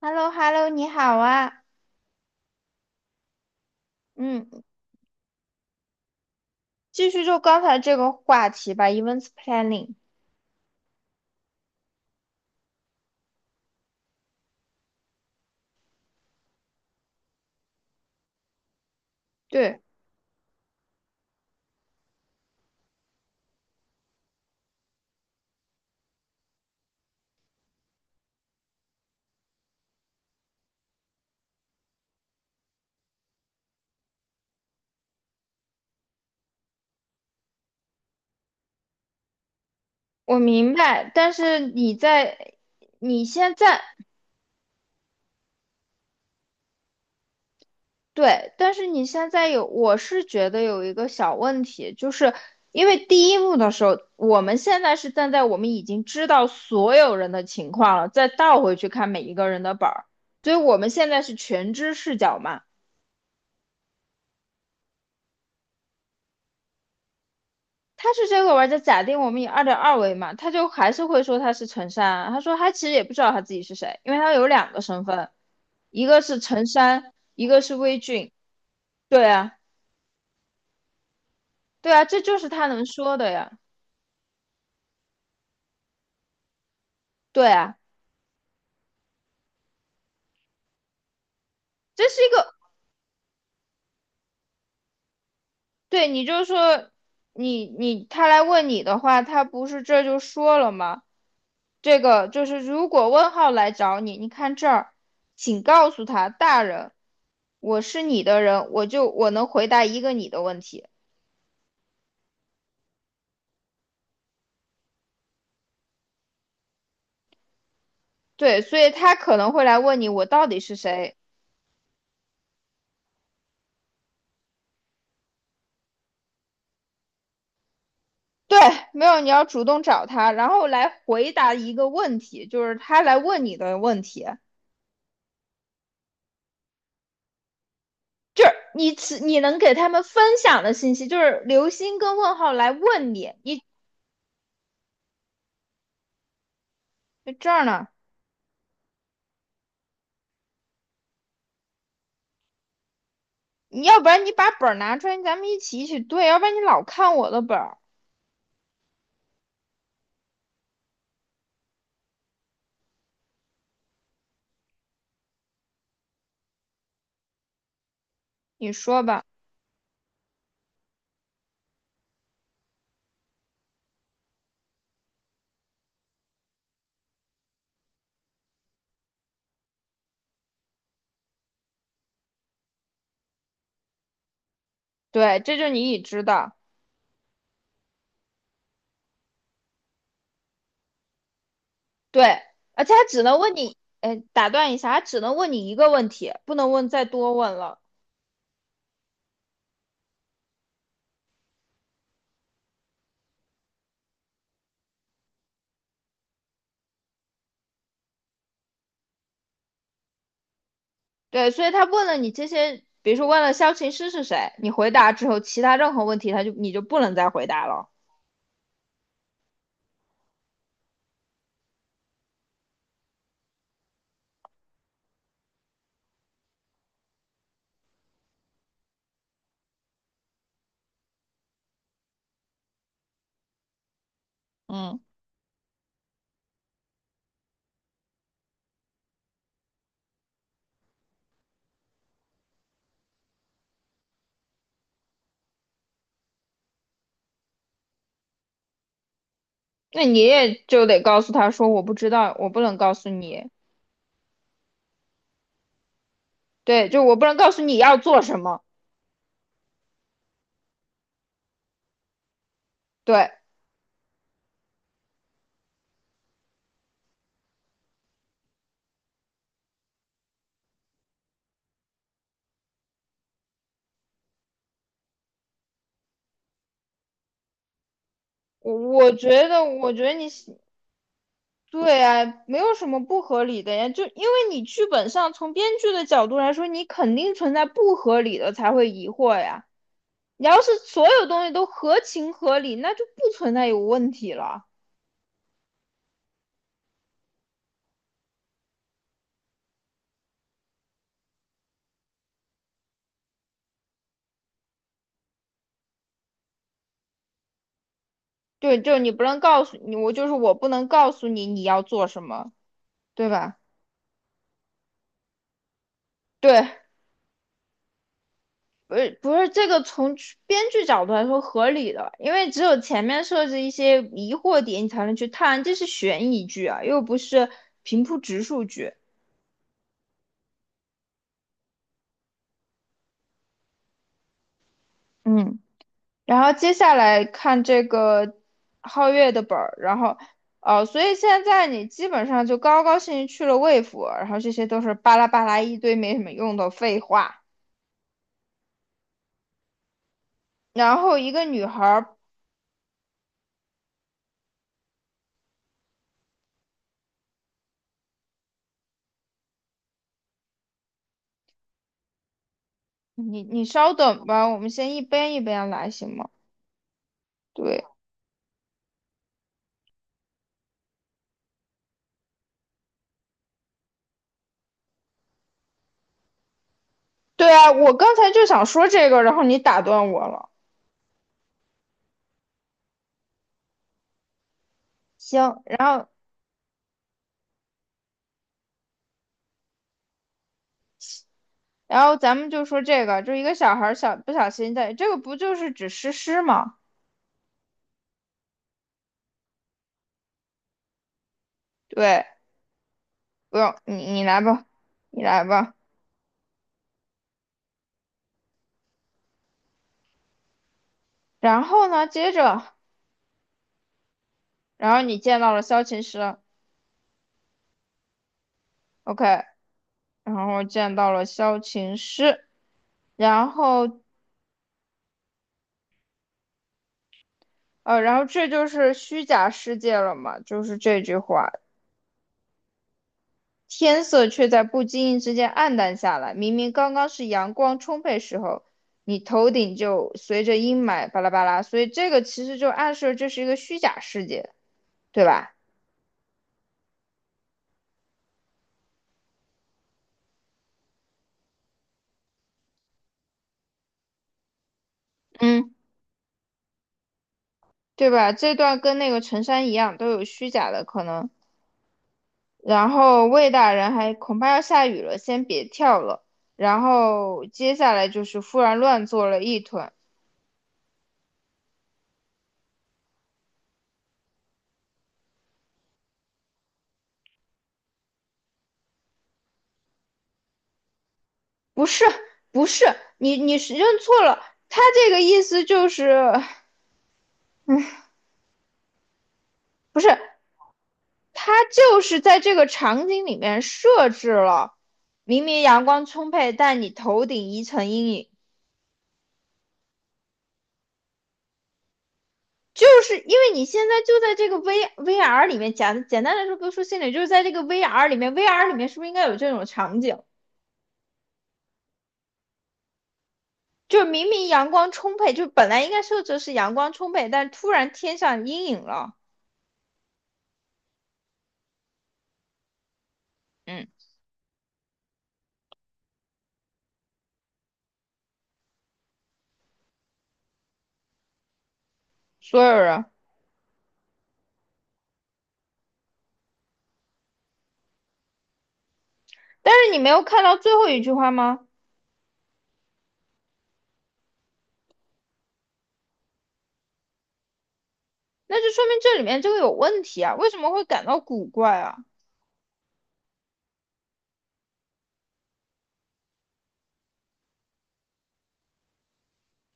h e l l o h e l l o 你好啊，嗯，继续就刚才这个话题吧，events planning。对，我明白，但是你在，你现在，对，但是你现在有，我是觉得有一个小问题，就是因为第一幕的时候，我们现在是站在我们已经知道所有人的情况了，再倒回去看每一个人的本儿，所以我们现在是全知视角嘛。他是这个玩家假定我们以2.2为嘛，他就还是会说他是陈山。他说他其实也不知道他自己是谁，因为他有两个身份，一个是陈山，一个是微俊。对啊，对啊，这就是他能说的呀。对啊，这是一个，对，你就说你他来问你的话，他不是这就说了吗？这个就是如果问号来找你，你看这儿，请告诉他，大人，我是你的人，我能回答一个你的问题。对，所以他可能会来问你我到底是谁。对，没有，你要主动找他，然后来回答一个问题，就是他来问你的问题，就是你能给他们分享的信息，就是流星跟问号来问你，你在这儿呢，你要不然你把本儿拿出来，咱们一起对，要不然你老看我的本儿，你说吧。对，这就是你已知的，对，而且他只能问你，哎，打断一下，他只能问你一个问题，不能问再多问了。对，所以他问了你这些，比如说问了萧琴师是谁，你回答之后，其他任何问题你就不能再回答了。嗯，那你也就得告诉他说我不知道，我不能告诉你。对，就我不能告诉你要做什么。对，我觉得你对啊，没有什么不合理的呀。就因为你剧本上从编剧的角度来说，你肯定存在不合理的才会疑惑呀。你要是所有东西都合情合理，那就不存在有问题了。对，就是你不能告诉你，我就是我不能告诉你你要做什么，对吧？对，不是不是这个从编剧角度来说合理的，因为只有前面设置一些疑惑点，你才能去探，这是悬疑剧啊，又不是平铺直述剧。嗯，然后接下来看这个皓月的本儿，然后哦，所以现在你基本上就高高兴兴去了魏府，然后这些都是巴拉巴拉一堆没什么用的废话。然后一个女孩你稍等吧，我们先一边一边来，行吗？对对啊，我刚才就想说这个，然后你打断我了。行，然后咱们就说这个，就一个小孩儿小不小心在，这个不就是指诗诗吗？对，不用你来吧，你来吧。然后呢，接着，然后你见到了萧琴师，OK，然后见到了萧琴师，然后然后这就是虚假世界了嘛，就是这句话。天色却在不经意之间暗淡下来。明明刚刚是阳光充沛时候，你头顶就随着阴霾巴拉巴拉，所以这个其实就暗示这是一个虚假世界，对吧？嗯，对吧？这段跟那个陈山一样，都有虚假的可能。然后魏大人还恐怕要下雨了，先别跳了。然后接下来就是忽然乱作了一团，不是不是，你是认错了，他这个意思就是不是他就是在这个场景里面设置了，明明阳光充沛，但你头顶一层阴影，就是因为你现在就在这个 VR 里面，简单来说，不说心理，就是在这个 VR 里面，VR 里面是不是应该有这种场景？就明明阳光充沛，就本来应该设置是阳光充沛，但突然天上阴影了，嗯，所有人，但是你没有看到最后一句话吗？那就说明这里面这个有问题啊，为什么会感到古怪啊？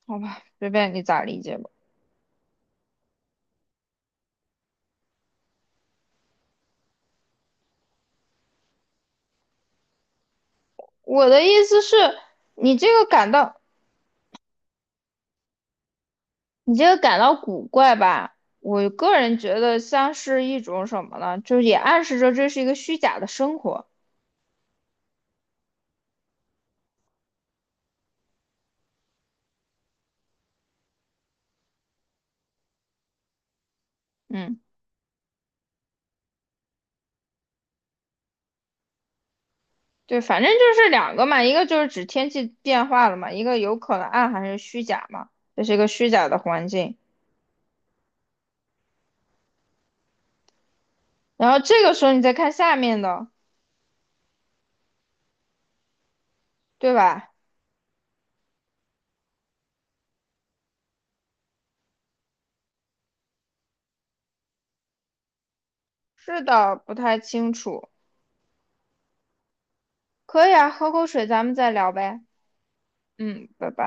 好吧，随便你咋理解吧。我的意思是，你这个感到你这个感到古怪吧？我个人觉得像是一种什么呢？就是也暗示着这是一个虚假的生活。嗯，对，反正就是两个嘛，一个就是指天气变化了嘛，一个有可能暗含是虚假嘛，这是一个虚假的环境。然后这个时候你再看下面的，对吧？是的，不太清楚。可以啊，喝口水，咱们再聊呗。嗯，拜拜。